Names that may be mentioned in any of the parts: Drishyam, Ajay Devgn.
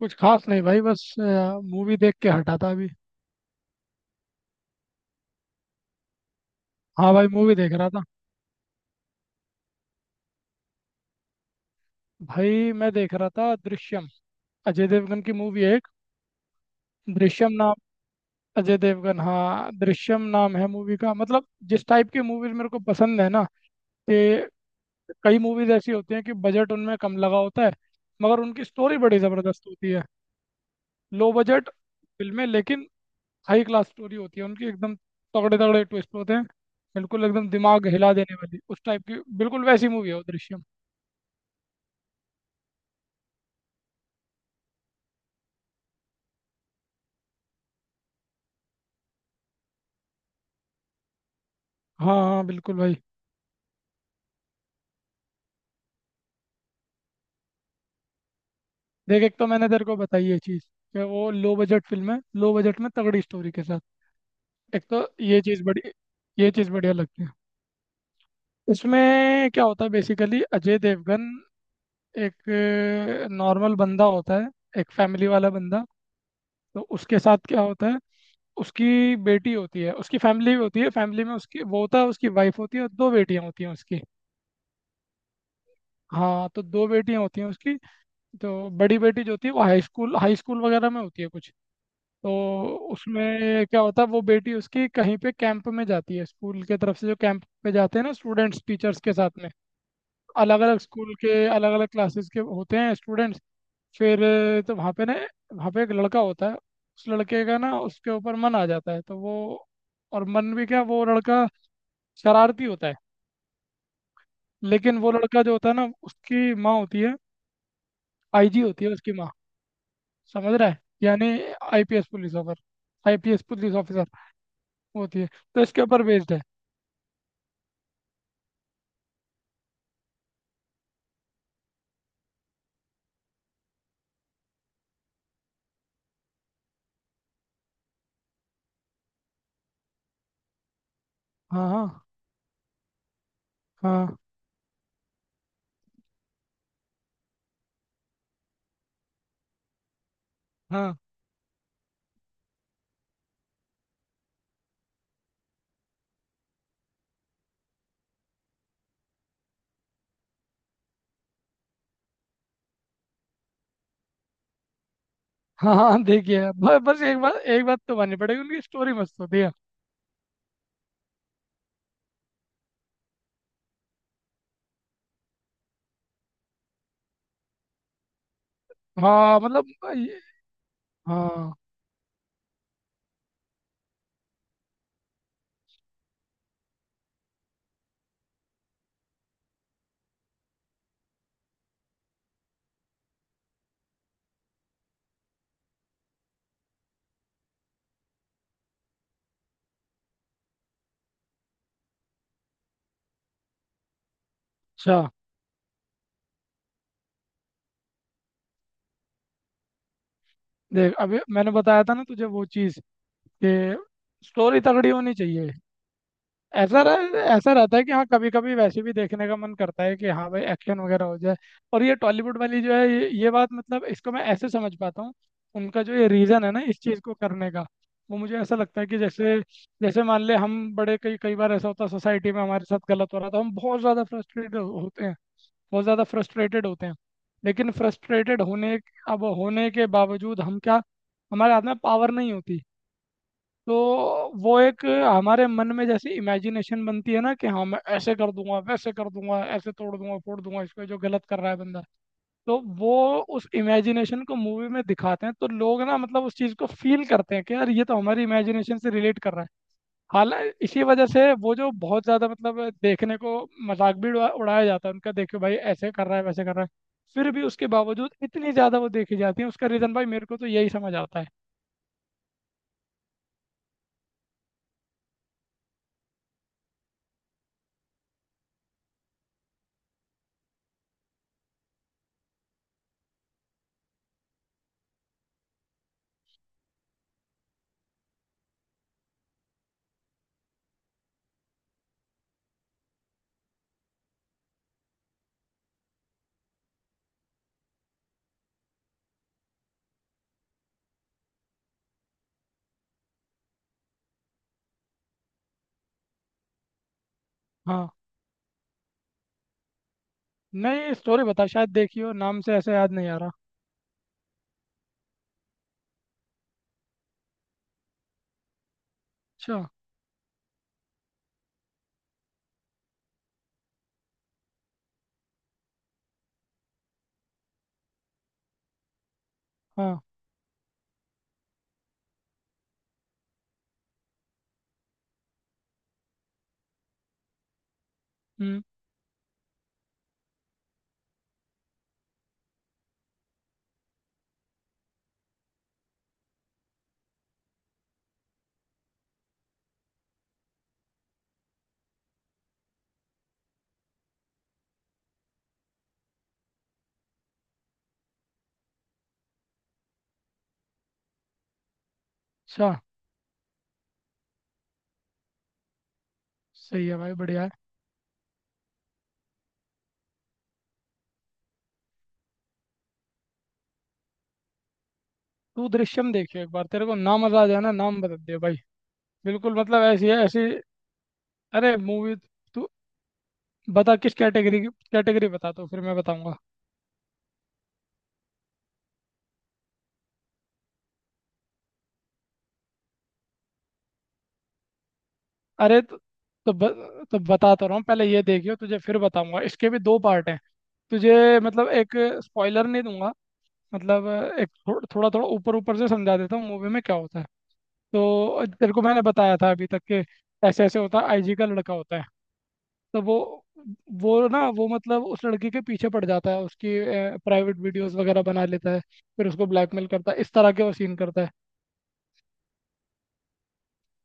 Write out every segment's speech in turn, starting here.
कुछ खास नहीं भाई, बस मूवी देख के हटा था अभी। हाँ भाई, मूवी देख रहा था। भाई मैं देख रहा था दृश्यम। अजय देवगन की मूवी है एक। दृश्यम नाम। अजय देवगन, हाँ, दृश्यम नाम है मूवी का। मतलब जिस टाइप की मूवीज मेरे को पसंद है ना, कि कई मूवीज ऐसी होती हैं कि बजट उनमें कम लगा होता है, मगर उनकी स्टोरी बड़ी ज़बरदस्त होती है। लो बजट फिल्में, लेकिन हाई क्लास स्टोरी होती है उनकी एकदम। तगड़े तगड़े ट्विस्ट होते हैं। बिल्कुल एकदम दिमाग हिला देने वाली, उस टाइप की बिल्कुल वैसी मूवी है वो दृश्यम। हाँ हाँ बिल्कुल भाई। देख, एक तो मैंने तेरे को बताई ये चीज़ कि वो लो बजट फिल्म है, लो बजट में तगड़ी स्टोरी के साथ। एक तो ये चीज़ बड़ी, ये चीज़ बढ़िया लगती है। इसमें क्या होता है, बेसिकली अजय देवगन एक नॉर्मल बंदा होता है, एक फैमिली वाला बंदा। तो उसके साथ क्या होता है, उसकी बेटी होती है, उसकी फैमिली होती है। फैमिली में उसकी वो होता है, उसकी वाइफ होती है और दो बेटियां होती हैं उसकी। हाँ, तो दो बेटियां होती हैं उसकी। तो बड़ी बेटी जो होती है वो हाई स्कूल, हाई स्कूल वगैरह में होती है कुछ। तो उसमें क्या होता है, वो बेटी उसकी कहीं पे कैंप में जाती है, स्कूल के तरफ से जो कैंप पे जाते हैं ना स्टूडेंट्स टीचर्स के साथ में। अलग अलग स्कूल के, अलग अलग क्लासेस के होते हैं स्टूडेंट्स। फिर तो वहाँ पे ना, वहाँ पे एक लड़का होता है। उस लड़के का ना उसके ऊपर मन आ जाता है, तो वो, और मन भी क्या, वो लड़का शरारती होता है। लेकिन वो लड़का जो होता है ना, उसकी माँ होती है, आईजी होती है उसकी माँ। समझ रहा है यानी, IPS police officer, IPS police officer होती है। तो इसके ऊपर बेस्ड है। हाँ हाँ। हाँ हाँ हाँ। देखिए, बस एक बात, एक बात तो माननी पड़ेगी, उनकी स्टोरी मस्त होती है। हाँ मतलब ये- हाँ। अच्छा, देख, अभी मैंने बताया था ना तुझे वो चीज़ कि स्टोरी तगड़ी होनी चाहिए। ऐसा रहता है कि हाँ कभी कभी वैसे भी देखने का मन करता है कि हाँ भाई एक्शन वगैरह हो जाए। और ये टॉलीवुड वाली जो है ये बात मतलब इसको मैं ऐसे समझ पाता हूँ। उनका जो ये रीज़न है ना इस चीज़ को करने का, वो मुझे ऐसा लगता है कि जैसे, जैसे मान ले हम बड़े, कई कई बार ऐसा होता है सोसाइटी में हमारे साथ गलत हो रहा था, हम बहुत ज़्यादा फ्रस्ट्रेटेड होते हैं, बहुत ज़्यादा फ्रस्ट्रेटेड होते हैं। लेकिन फ्रस्ट्रेटेड होने, अब होने के बावजूद हम क्या, हमारे हाथ में पावर नहीं होती। तो वो एक हमारे मन में जैसी इमेजिनेशन बनती है ना, कि हाँ मैं ऐसे कर दूंगा, वैसे कर दूंगा, ऐसे तोड़ दूंगा, फोड़ दूंगा इसको जो गलत कर रहा है बंदा। तो वो उस इमेजिनेशन को मूवी में दिखाते हैं, तो लोग ना मतलब उस चीज़ को फील करते हैं कि यार, ये तो हमारी इमेजिनेशन से रिलेट कर रहा है। हालांकि इसी वजह से वो जो बहुत ज़्यादा मतलब देखने को, मजाक भी उड़ाया जाता है उनका, देखो भाई ऐसे कर रहा है, वैसे कर रहा है। फिर भी उसके बावजूद इतनी ज़्यादा वो देखी जाती है, उसका रीज़न भाई मेरे को तो यही समझ आता है। हाँ। नहीं, स्टोरी बता, शायद देखी हो, नाम से ऐसे याद नहीं आ रहा। अच्छा। हाँ। हम्म। अच्छा। सही है भाई, बढ़िया है। तू दृश्यम देखियो एक बार, तेरे को ना मजा आ जाए ना। नाम बता दे भाई, बिल्कुल मतलब ऐसी है ऐसी। अरे मूवी, तू बता किस कैटेगरी की, कैटेगरी बता तो फिर मैं बताऊंगा। अरे तो, तो बता तो रहा हूँ, पहले ये देखियो तुझे फिर बताऊंगा, इसके भी दो पार्ट हैं। तुझे मतलब एक स्पॉइलर नहीं दूंगा। मतलब एक थोड़ा थोड़ा ऊपर ऊपर से समझा देता हूँ मूवी में क्या होता है। तो तेरे को मैंने बताया था अभी तक कि ऐसे ऐसे होता है, आईजी का लड़का होता है। तो वो ना वो मतलब उस लड़की के पीछे पड़ जाता है, उसकी प्राइवेट वीडियोस वगैरह बना लेता है, फिर उसको ब्लैकमेल करता है, इस तरह के वो सीन करता है।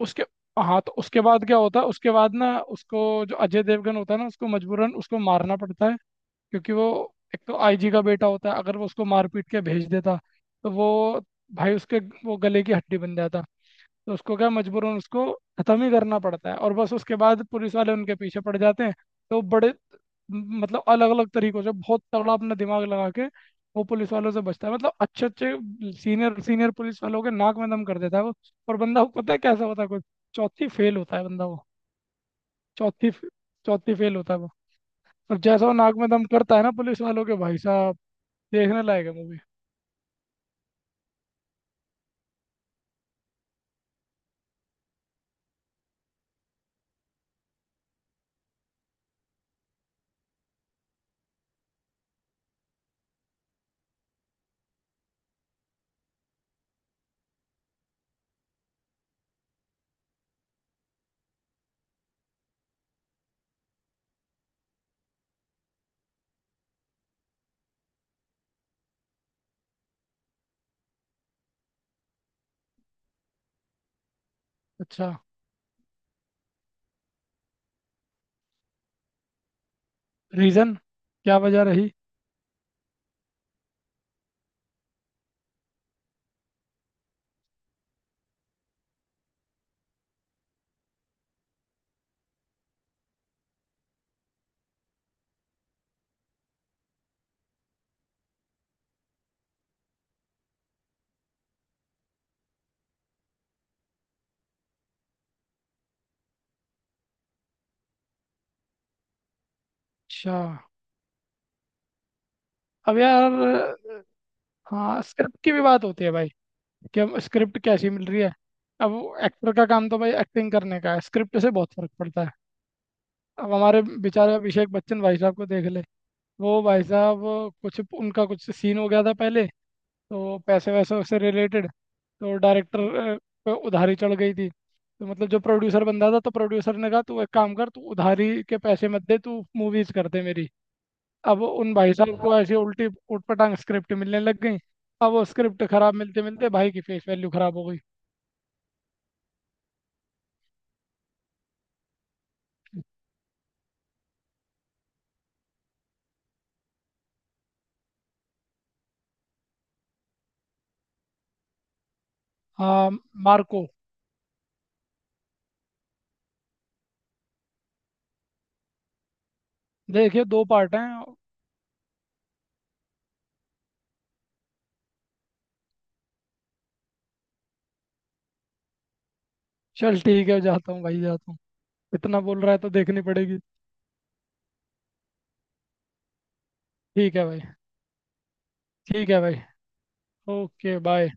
उसके, हाँ तो उसके बाद क्या होता है, उसके बाद ना उसको, जो अजय देवगन होता है ना उसको मजबूरन उसको मारना पड़ता है। क्योंकि वो, एक तो आईजी का बेटा होता है, अगर वो उसको मार पीट के भेज देता, तो वो भाई उसके, वो गले की हड्डी बन जाता। तो उसको क्या, मजबूरन उसको खत्म ही करना पड़ता है, और बस उसके बाद पुलिस वाले उनके पीछे पड़ जाते हैं। तो बड़े, मतलब अलग अलग तरीकों से बहुत तगड़ा अपना दिमाग लगा के वो पुलिस वालों से बचता है। मतलब अच्छे अच्छे, सीनियर सीनियर पुलिस वालों के नाक में दम कर देता है वो। और बंदा वो पता है कैसा होता है कुछ, चौथी फेल होता है बंदा वो। चौथी, चौथी फेल होता है वो। और जैसा वो नाक में दम करता है ना पुलिस वालों के, भाई साहब, देखने लायक है मूवी। अच्छा। रीजन क्या, वजह रही अच्छा। अब यार, हाँ स्क्रिप्ट की भी बात होती है भाई, कि हम स्क्रिप्ट कैसी मिल रही है। अब एक्टर का काम तो भाई एक्टिंग करने का है, स्क्रिप्ट से बहुत फर्क पड़ता है। अब हमारे बेचारे अभिषेक बच्चन भाई साहब को देख ले। वो भाई साहब, कुछ उनका कुछ सीन हो गया था पहले, तो पैसे वैसे से रिलेटेड तो डायरेक्टर पे उधारी चढ़ गई थी। तो मतलब जो प्रोड्यूसर बंदा था, तो प्रोड्यूसर ने कहा तू एक काम कर, तू उधारी के पैसे मत दे, तू मूवीज कर दे मेरी। अब उन भाई साहब को ऐसी उल्टी उटपटांग स्क्रिप्ट मिलने लग गई। अब वो स्क्रिप्ट खराब मिलते मिलते भाई की फेस वैल्यू खराब हो गई। हाँ, मार्को। देखिए दो पार्ट हैं। चल ठीक है, जाता हूँ भाई, जाता हूँ। इतना बोल रहा है तो देखनी पड़ेगी। ठीक है भाई। ठीक है भाई। Okay bye.